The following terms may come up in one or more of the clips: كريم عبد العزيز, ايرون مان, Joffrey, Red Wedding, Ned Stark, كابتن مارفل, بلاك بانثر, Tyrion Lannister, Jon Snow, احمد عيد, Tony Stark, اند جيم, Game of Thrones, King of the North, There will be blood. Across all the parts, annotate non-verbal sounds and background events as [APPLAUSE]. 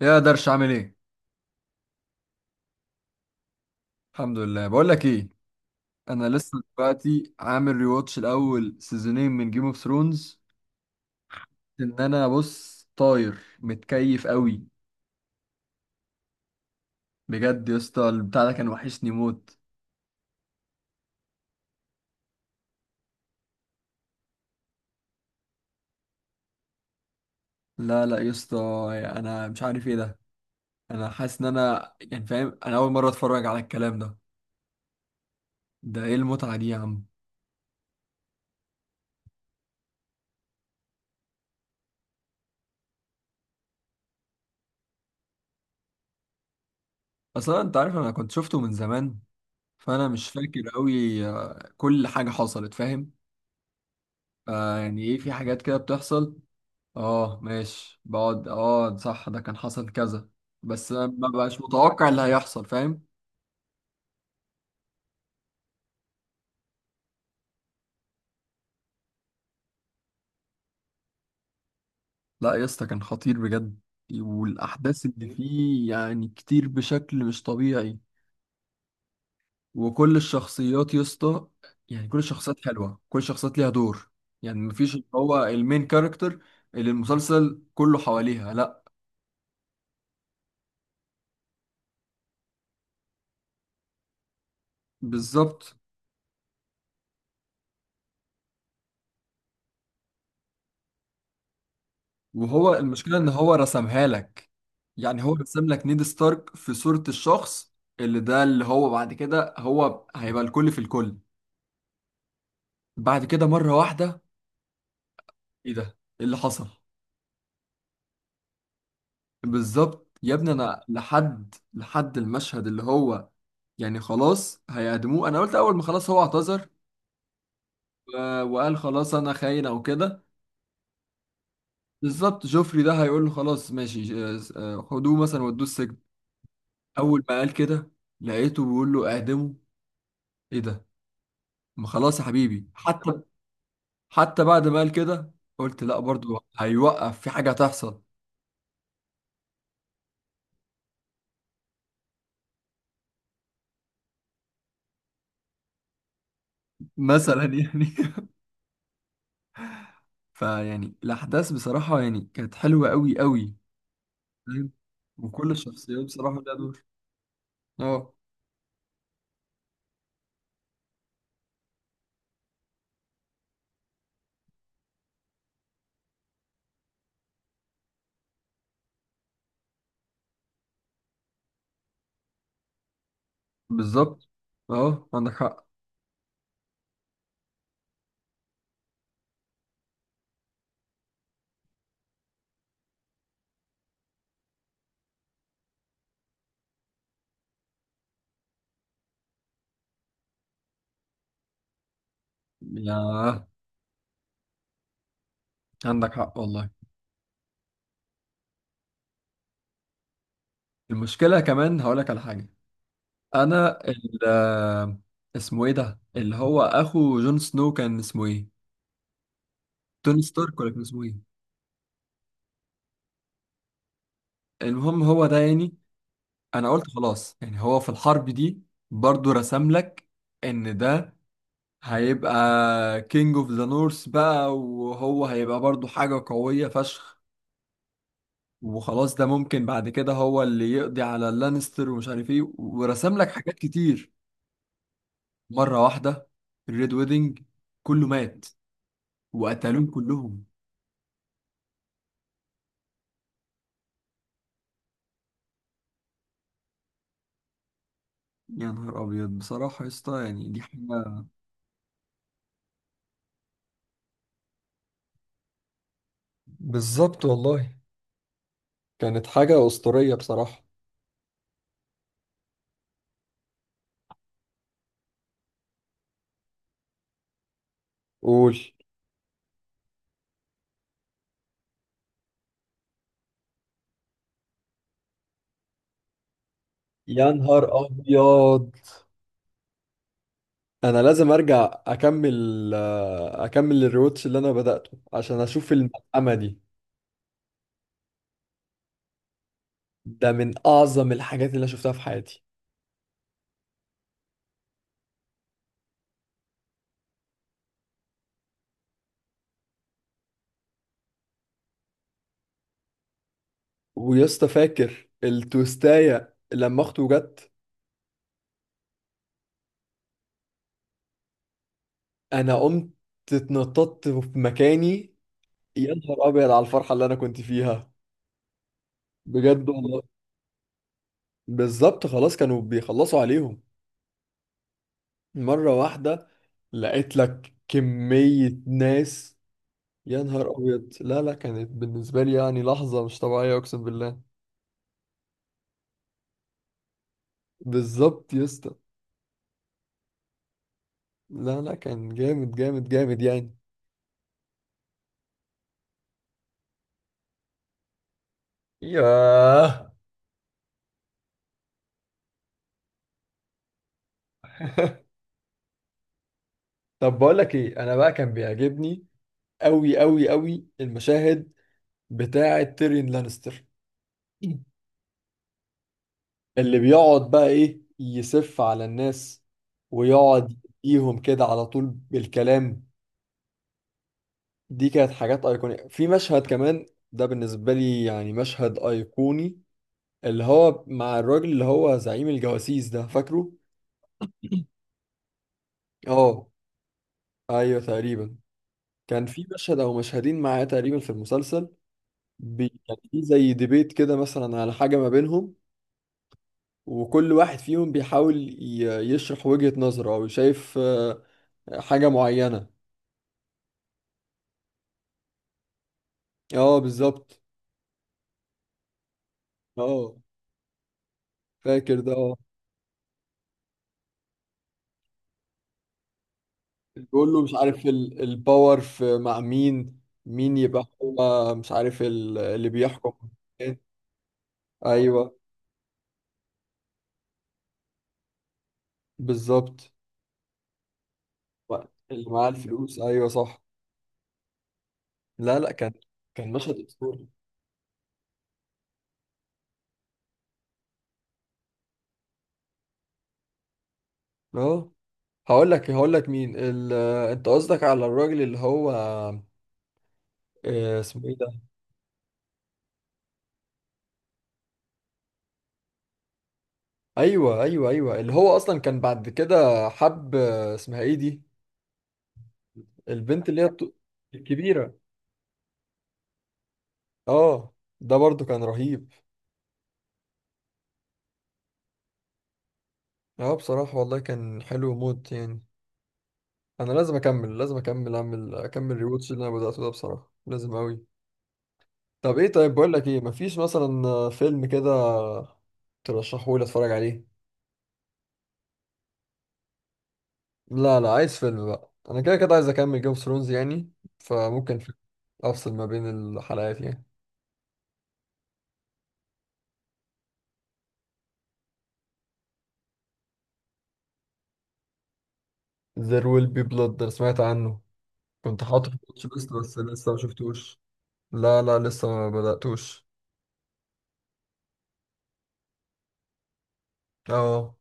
يا درش، عامل ايه؟ الحمد لله. بقول لك ايه، انا لسه دلوقتي عامل ريواتش الاول سيزونين من جيم اوف ثرونز. ان انا بص طاير متكيف قوي. بجد يا اسطى، البتاع ده كان وحشني موت. لا لا يا اسطى، انا مش عارف ايه ده. انا حاسس ان انا يعني فاهم، انا اول مره اتفرج على الكلام ده. ده ايه المتعه دي يا عم؟ اصلا انت عارف انا كنت شفته من زمان، فانا مش فاكر قوي كل حاجه حصلت، فاهم؟ آه يعني ايه، في حاجات كده بتحصل. اه ماشي، بقعد، اه صح، ده كان حصل كذا. بس أنا ما بقاش متوقع اللي هيحصل، فاهم؟ لا يا اسطى، كان خطير بجد. والاحداث اللي فيه يعني كتير بشكل مش طبيعي. وكل الشخصيات يا اسطى، يعني كل الشخصيات حلوه، كل الشخصيات ليها دور. يعني مفيش اللي هو المين كاركتر اللي المسلسل كله حواليها. لا، بالظبط. وهو المشكلة ان هو رسمها لك، يعني هو رسم لك نيد ستارك في صورة الشخص اللي، ده اللي هو بعد كده هو هيبقى الكل في الكل. بعد كده مرة واحدة، ايه ده؟ ايه اللي حصل؟ بالظبط يا ابني. انا لحد المشهد اللي هو يعني خلاص هيعدموه، انا قلت اول ما خلاص هو اعتذر وقال خلاص انا خاين او كده. بالظبط، جوفري ده هيقول له خلاص ماشي، خدوه مثلا ودوه السجن. اول ما قال كده، لقيته بيقول له اعدمه. ايه ده؟ ما خلاص يا حبيبي. حتى، حتى بعد ما قال كده، قلت لا برضو، هيوقف في حاجة هتحصل. مثلا يعني [LAUGHS] فيعني الأحداث بصراحة يعني كانت حلوة أوي أوي. فاهم؟ وكل الشخصيات بصراحة ليها دور. اه، بالظبط. اه عندك حق. يا عندك حق والله. المشكلة كمان هقولك على حاجة. أنا ال آه، اسمه ايه ده اللي هو أخو جون سنو، كان اسمه ايه؟ توني ستارك ولا كان اسمه ايه؟ المهم هو ده، يعني انا قلت خلاص يعني هو في الحرب دي برضو رسم لك ان ده هيبقى كينج اوف ذا نورث بقى، وهو هيبقى برضو حاجة قوية فشخ. وخلاص ده ممكن بعد كده هو اللي يقضي على اللانستر ومش عارف ايه، ورسم لك حاجات كتير. مرة واحدة الريد ويدنج، كله مات وقتلوهم كلهم. يا نهار ابيض بصراحة يا اسطى، يعني دي حاجة. بالظبط والله، كانت حاجة أسطورية بصراحة. قول. يا نهار أبيض، انا لازم ارجع اكمل الريوتش اللي انا بدأته عشان اشوف الملحمة دي. ده من اعظم الحاجات اللي أنا شفتها في حياتي. ويسطا، فاكر التوستاية لما اخته جت؟ انا قمت اتنططت في مكاني، يا نهار ابيض على الفرحة اللي انا كنت فيها. بجد والله. بالظبط، خلاص كانوا بيخلصوا عليهم. مرة واحدة لقيت لك كمية ناس. يا نهار أبيض، لا لا، كانت بالنسبة لي يعني لحظة مش طبيعية أقسم بالله. بالظبط يا اسطى. لا لا، كان جامد جامد جامد يعني. ياه. طب بقول لك ايه، انا بقى كان بيعجبني قوي قوي قوي المشاهد بتاعه تيريون لانستر، اللي بيقعد بقى ايه يسف على الناس، ويقعد يديهم كده على طول بالكلام. دي كانت حاجات ايقونية. في مشهد كمان ده بالنسبة لي يعني مشهد ايقوني، اللي هو مع الراجل اللي هو زعيم الجواسيس ده، فاكره؟ [CLEARS THROAT] اه، ايوه تقريبا. كان في مشهد او مشهدين معاه تقريبا في المسلسل. يعني في زي ديبيت كده مثلا على حاجه ما بينهم، وكل واحد فيهم بيحاول ي... يشرح وجهه نظره او شايف حاجه معينه. اه بالظبط. اه فاكر ده، اه. بيقول له مش عارف الباور في مع مين، مين يبقى هو، مش عارف اللي بيحكم. ايوه بالظبط. اللي معاه الفلوس، ايوه صح. لا لا، كان، كان مشهد اسطوري. اه، هقول لك مين انت قصدك على الراجل اللي هو، اسمه ايه ده؟ ايوه ايوه ايوه، اللي هو اصلا كان بعد كده حب، اسمها ايه دي، البنت اللي هي الكبيره. اه، ده برضو كان رهيب. اه بصراحه والله كان حلو موت يعني. انا لازم اكمل لازم اكمل اعمل اكمل ريوتش اللي انا بداته ده بصراحه، لازم قوي. طب ايه، طيب بقول لك ايه، مفيش مثلا فيلم كده ترشحه لي اتفرج عليه؟ لا لا، عايز فيلم بقى، انا كده كده عايز اكمل جيم اوف ثرونز يعني، فممكن فيلم افصل ما بين الحلقات يعني. There Will Be Blood، انا سمعت عنه. كنت حاطه في الواتش ليست بس لسه ما شفتوش. لا لا، لسه ما بدأتوش. اه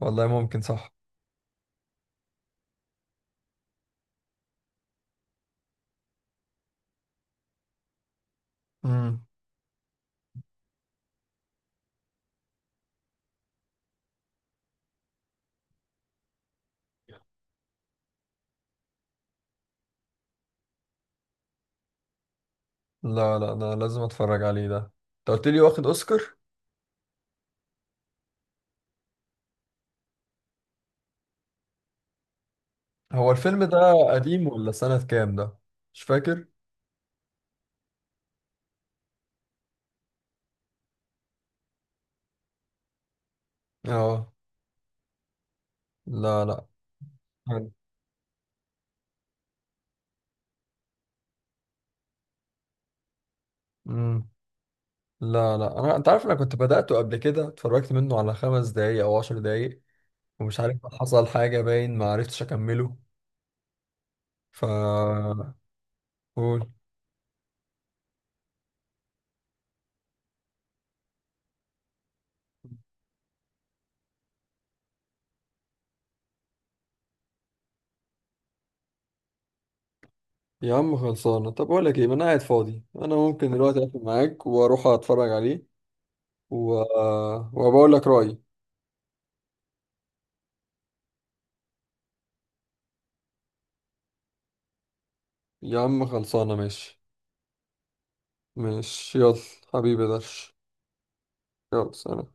والله، ممكن صح. امم. لا لا، انا لازم اتفرج عليه ده، انت قلت لي واخد اوسكار. هو الفيلم ده قديم ولا سنة كام ده؟ مش فاكر. اه. لا لا، حلو. مم. لا لا، انت عارف، انا كنت بدأته قبل كده، اتفرجت منه على 5 دقايق او 10 دقايق، ومش عارف حصل حاجة باين ما عرفتش اكمله. ف قول. يا عم خلصانة. طب أقول لك إيه، ما أنا قاعد فاضي، أنا ممكن دلوقتي أقفل معاك وأروح أتفرج عليه و... وبقول لك رأيي. يا عم خلصانة، ماشي. ماشي يلا، حبيبي درش. يلا سلام.